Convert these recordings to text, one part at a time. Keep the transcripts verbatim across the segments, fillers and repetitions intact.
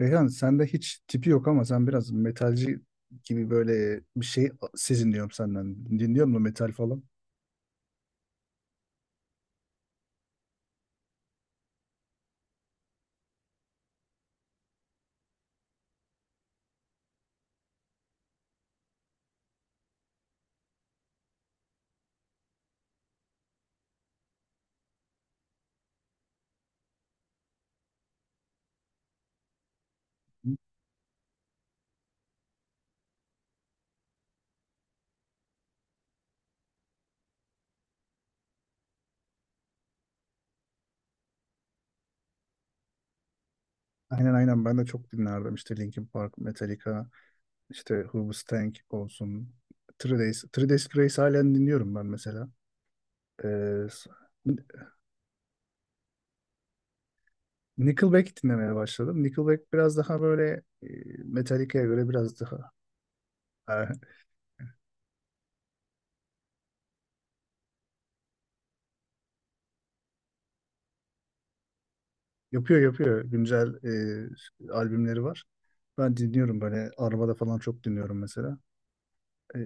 Reyhan sende hiç tipi yok ama sen biraz metalci gibi böyle bir şey seziniyorum senden. Dinliyor musun metal falan? Aynen aynen ben de çok dinlerdim işte Linkin Park, Metallica, işte Who Tank olsun. Three Days, Three Days Grace halen dinliyorum ben mesela. Ee, s- Nickelback dinlemeye başladım. Nickelback biraz daha böyle e, Metallica'ya göre biraz daha e, yapıyor yapıyor güncel e, albümleri var. Ben dinliyorum, böyle arabada falan çok dinliyorum mesela. E,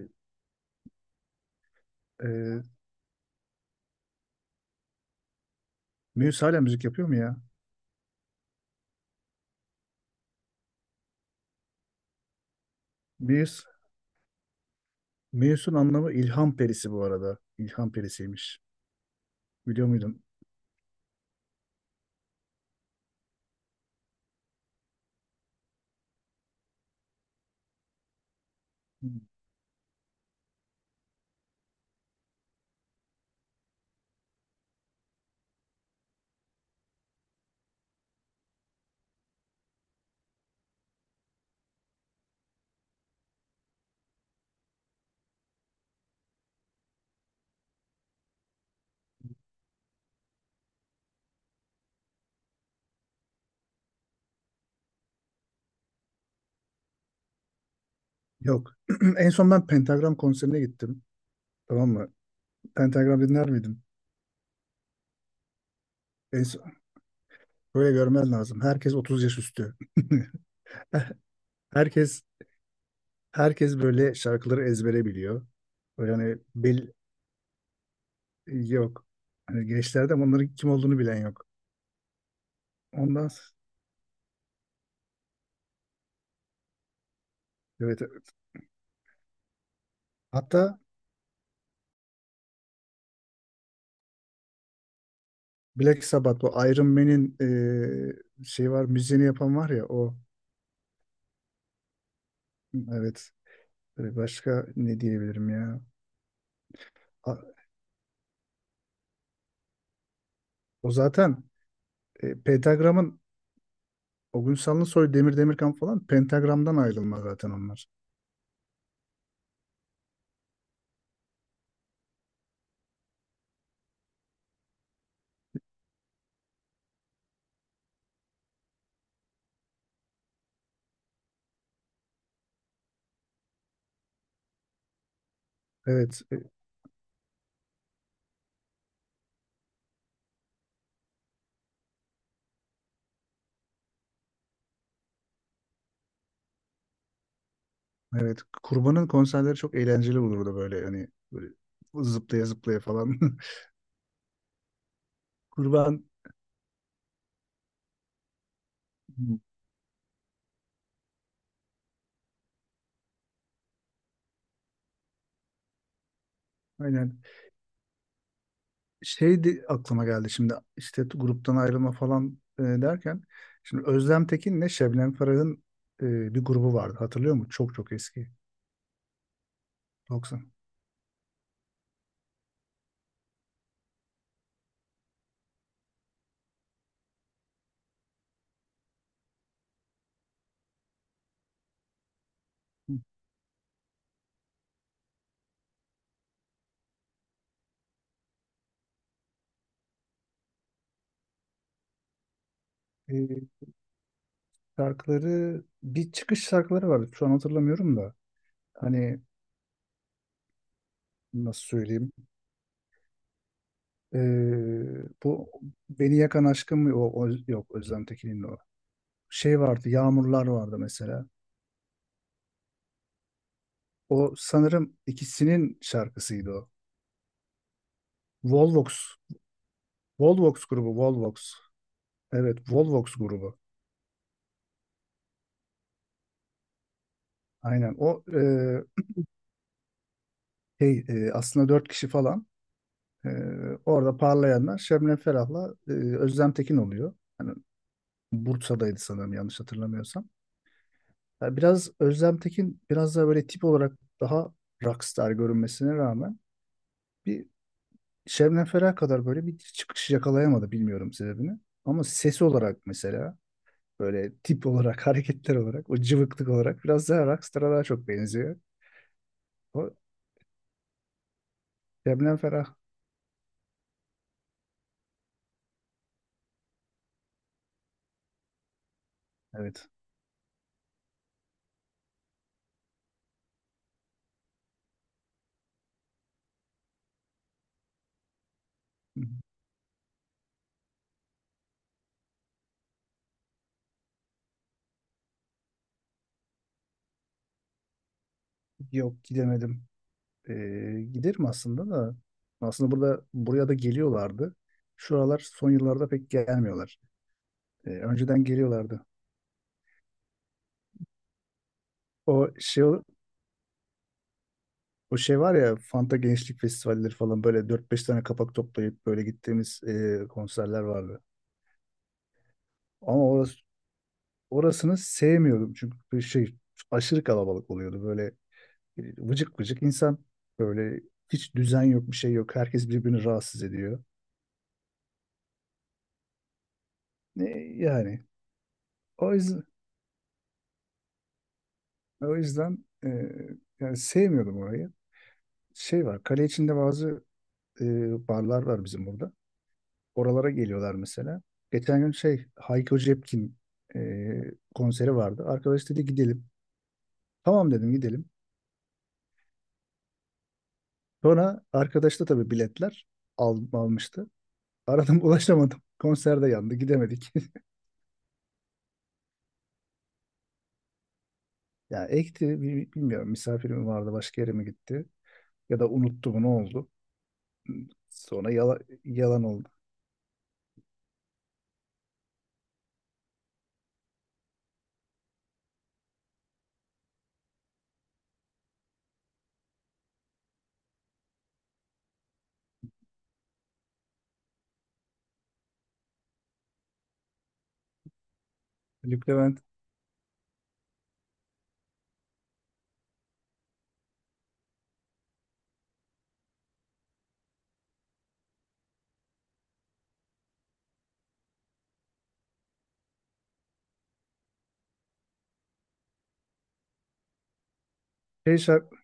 Ee, Muse hala müzik yapıyor mu ya? Muse, Muse'un anlamı ilham perisi bu arada. İlham perisiymiş. Biliyor muydun? Yok. En son ben Pentagram konserine gittim. Tamam mı? Pentagram dinler miydin? En son- Böyle görmen lazım. Herkes otuz yaş üstü. Herkes herkes böyle şarkıları ezbere biliyor. Böyle hani bil Yok. Hani gençlerde bunların kim olduğunu bilen yok. Ondan s- evet, evet. Hatta Black Sabbath, o Iron Man'in e, şey var, müziğini yapan var ya o. Evet. E, başka ne diyebilirim ya? A- O zaten, e, Pentagram'ın, o gün Sanlısoy, Demir Demirkan falan Pentagram'dan ayrılma zaten onlar. Evet. E, evet, Kurban'ın konserleri çok eğlenceli olurdu, böyle hani böyle zıplaya zıplaya falan. Kurban. Hı. Aynen. Şey de aklıma geldi şimdi, işte gruptan ayrılma falan e, derken, şimdi Özlem Tekin'le Şebnem Ferah'ın e, bir grubu vardı, hatırlıyor musun? Çok çok eski, doksan. E, Şarkıları, bir çıkış şarkıları vardı, şu an hatırlamıyorum da. Hani, nasıl söyleyeyim. E, Bu Beni Yakan Aşkım mı? O, o- yok, Özlem Tekin'in o. Şey vardı, Yağmurlar vardı mesela, o sanırım ikisinin şarkısıydı o. Volvox Volvox grubu Volvox Evet, Volvox grubu. Aynen. O, e, şey, e, aslında dört kişi falan. E, Orada parlayanlar Şebnem Ferah'la e, Özlem Tekin oluyor. Hani Bursa'daydı sanırım, yanlış hatırlamıyorsam. Ya biraz Özlem Tekin biraz daha böyle tip olarak daha rockstar görünmesine rağmen, bir Şebnem Ferah kadar böyle bir çıkış yakalayamadı, bilmiyorum sebebini. Ama sesi olarak mesela, böyle tip olarak hareketler olarak, o cıvıklık olarak biraz daha rockstar'a daha çok benziyor. O Şebnem Ferah. Evet. Yok, gidemedim. Ee, Giderim aslında da. Aslında burada buraya da geliyorlardı. Şuralar, son yıllarda pek gelmiyorlar. Ee, önceden geliyorlardı. O şey o şey var ya, Fanta Gençlik Festivalleri falan, böyle dört beş tane kapak toplayıp böyle gittiğimiz e, konserler vardı. Ama orası, Orasını sevmiyordum çünkü bir şey aşırı kalabalık oluyordu, böyle e, vıcık vıcık insan, böyle hiç düzen yok, bir şey yok, herkes birbirini rahatsız ediyor. Ne yani, o yüzden. E, O yüzden e, Yani sevmiyordum orayı. Şey var, kale içinde bazı e, barlar var bizim burada. Oralara geliyorlar mesela. Geçen gün şey, Hayko Cepkin e, konseri vardı. Arkadaş dedi gidelim. Tamam dedim, gidelim. Sonra arkadaş da tabii biletler al, almıştı. Aradım ulaşamadım. Konserde yandı, gidemedik. Ya ekti, bi- bilmiyorum, misafir mi vardı, başka yere mi gitti, ya da unuttu mu, ne oldu. Sonra yala- Yalan oldu. Lük Levent. şey şarkı,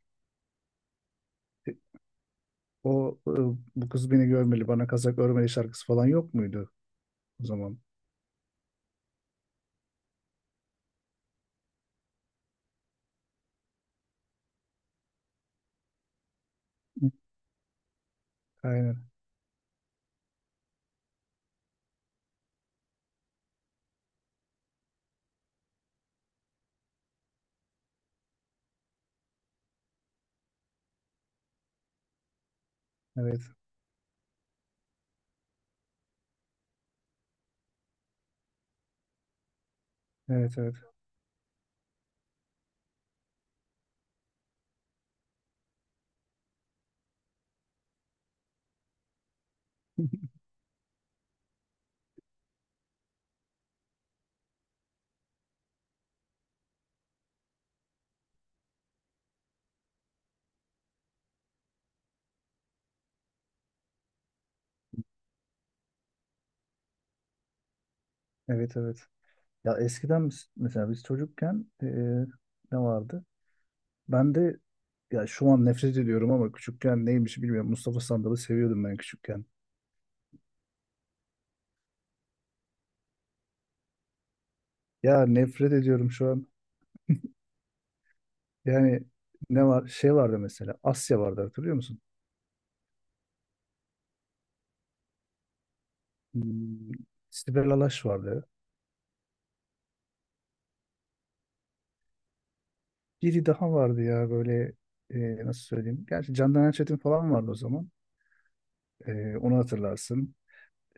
O e, bu kız beni görmeli, bana kazak örmeli şarkısı falan yok muydu o zaman? Hı. Aynen. Evet. Evet, evet. Evet, evet. Ya eskiden biz, mesela biz çocukken, e, ne vardı? Ben de, ya şu an nefret ediyorum ama küçükken neymiş bilmiyorum. Mustafa Sandal'ı seviyordum ben küçükken. Ya nefret ediyorum şu an. Yani ne var? Şey vardı mesela, Asya vardı, hatırlıyor musun? Hmm, Sibel Alaş vardı. Biri daha vardı ya, böyle, e, nasıl söyleyeyim? Gerçi Candan Erçetin falan vardı o zaman. Ee, onu hatırlarsın.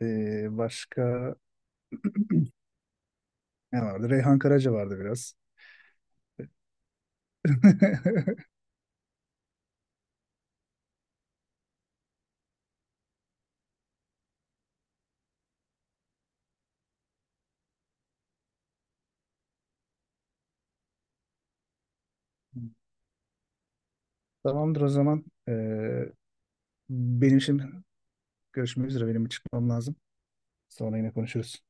Ee, başka ne vardı? Reyhan Karaca vardı biraz. Tamamdır o zaman. Ee, benim şimdi görüşmek üzere. Benim çıkmam lazım. Sonra yine konuşuruz.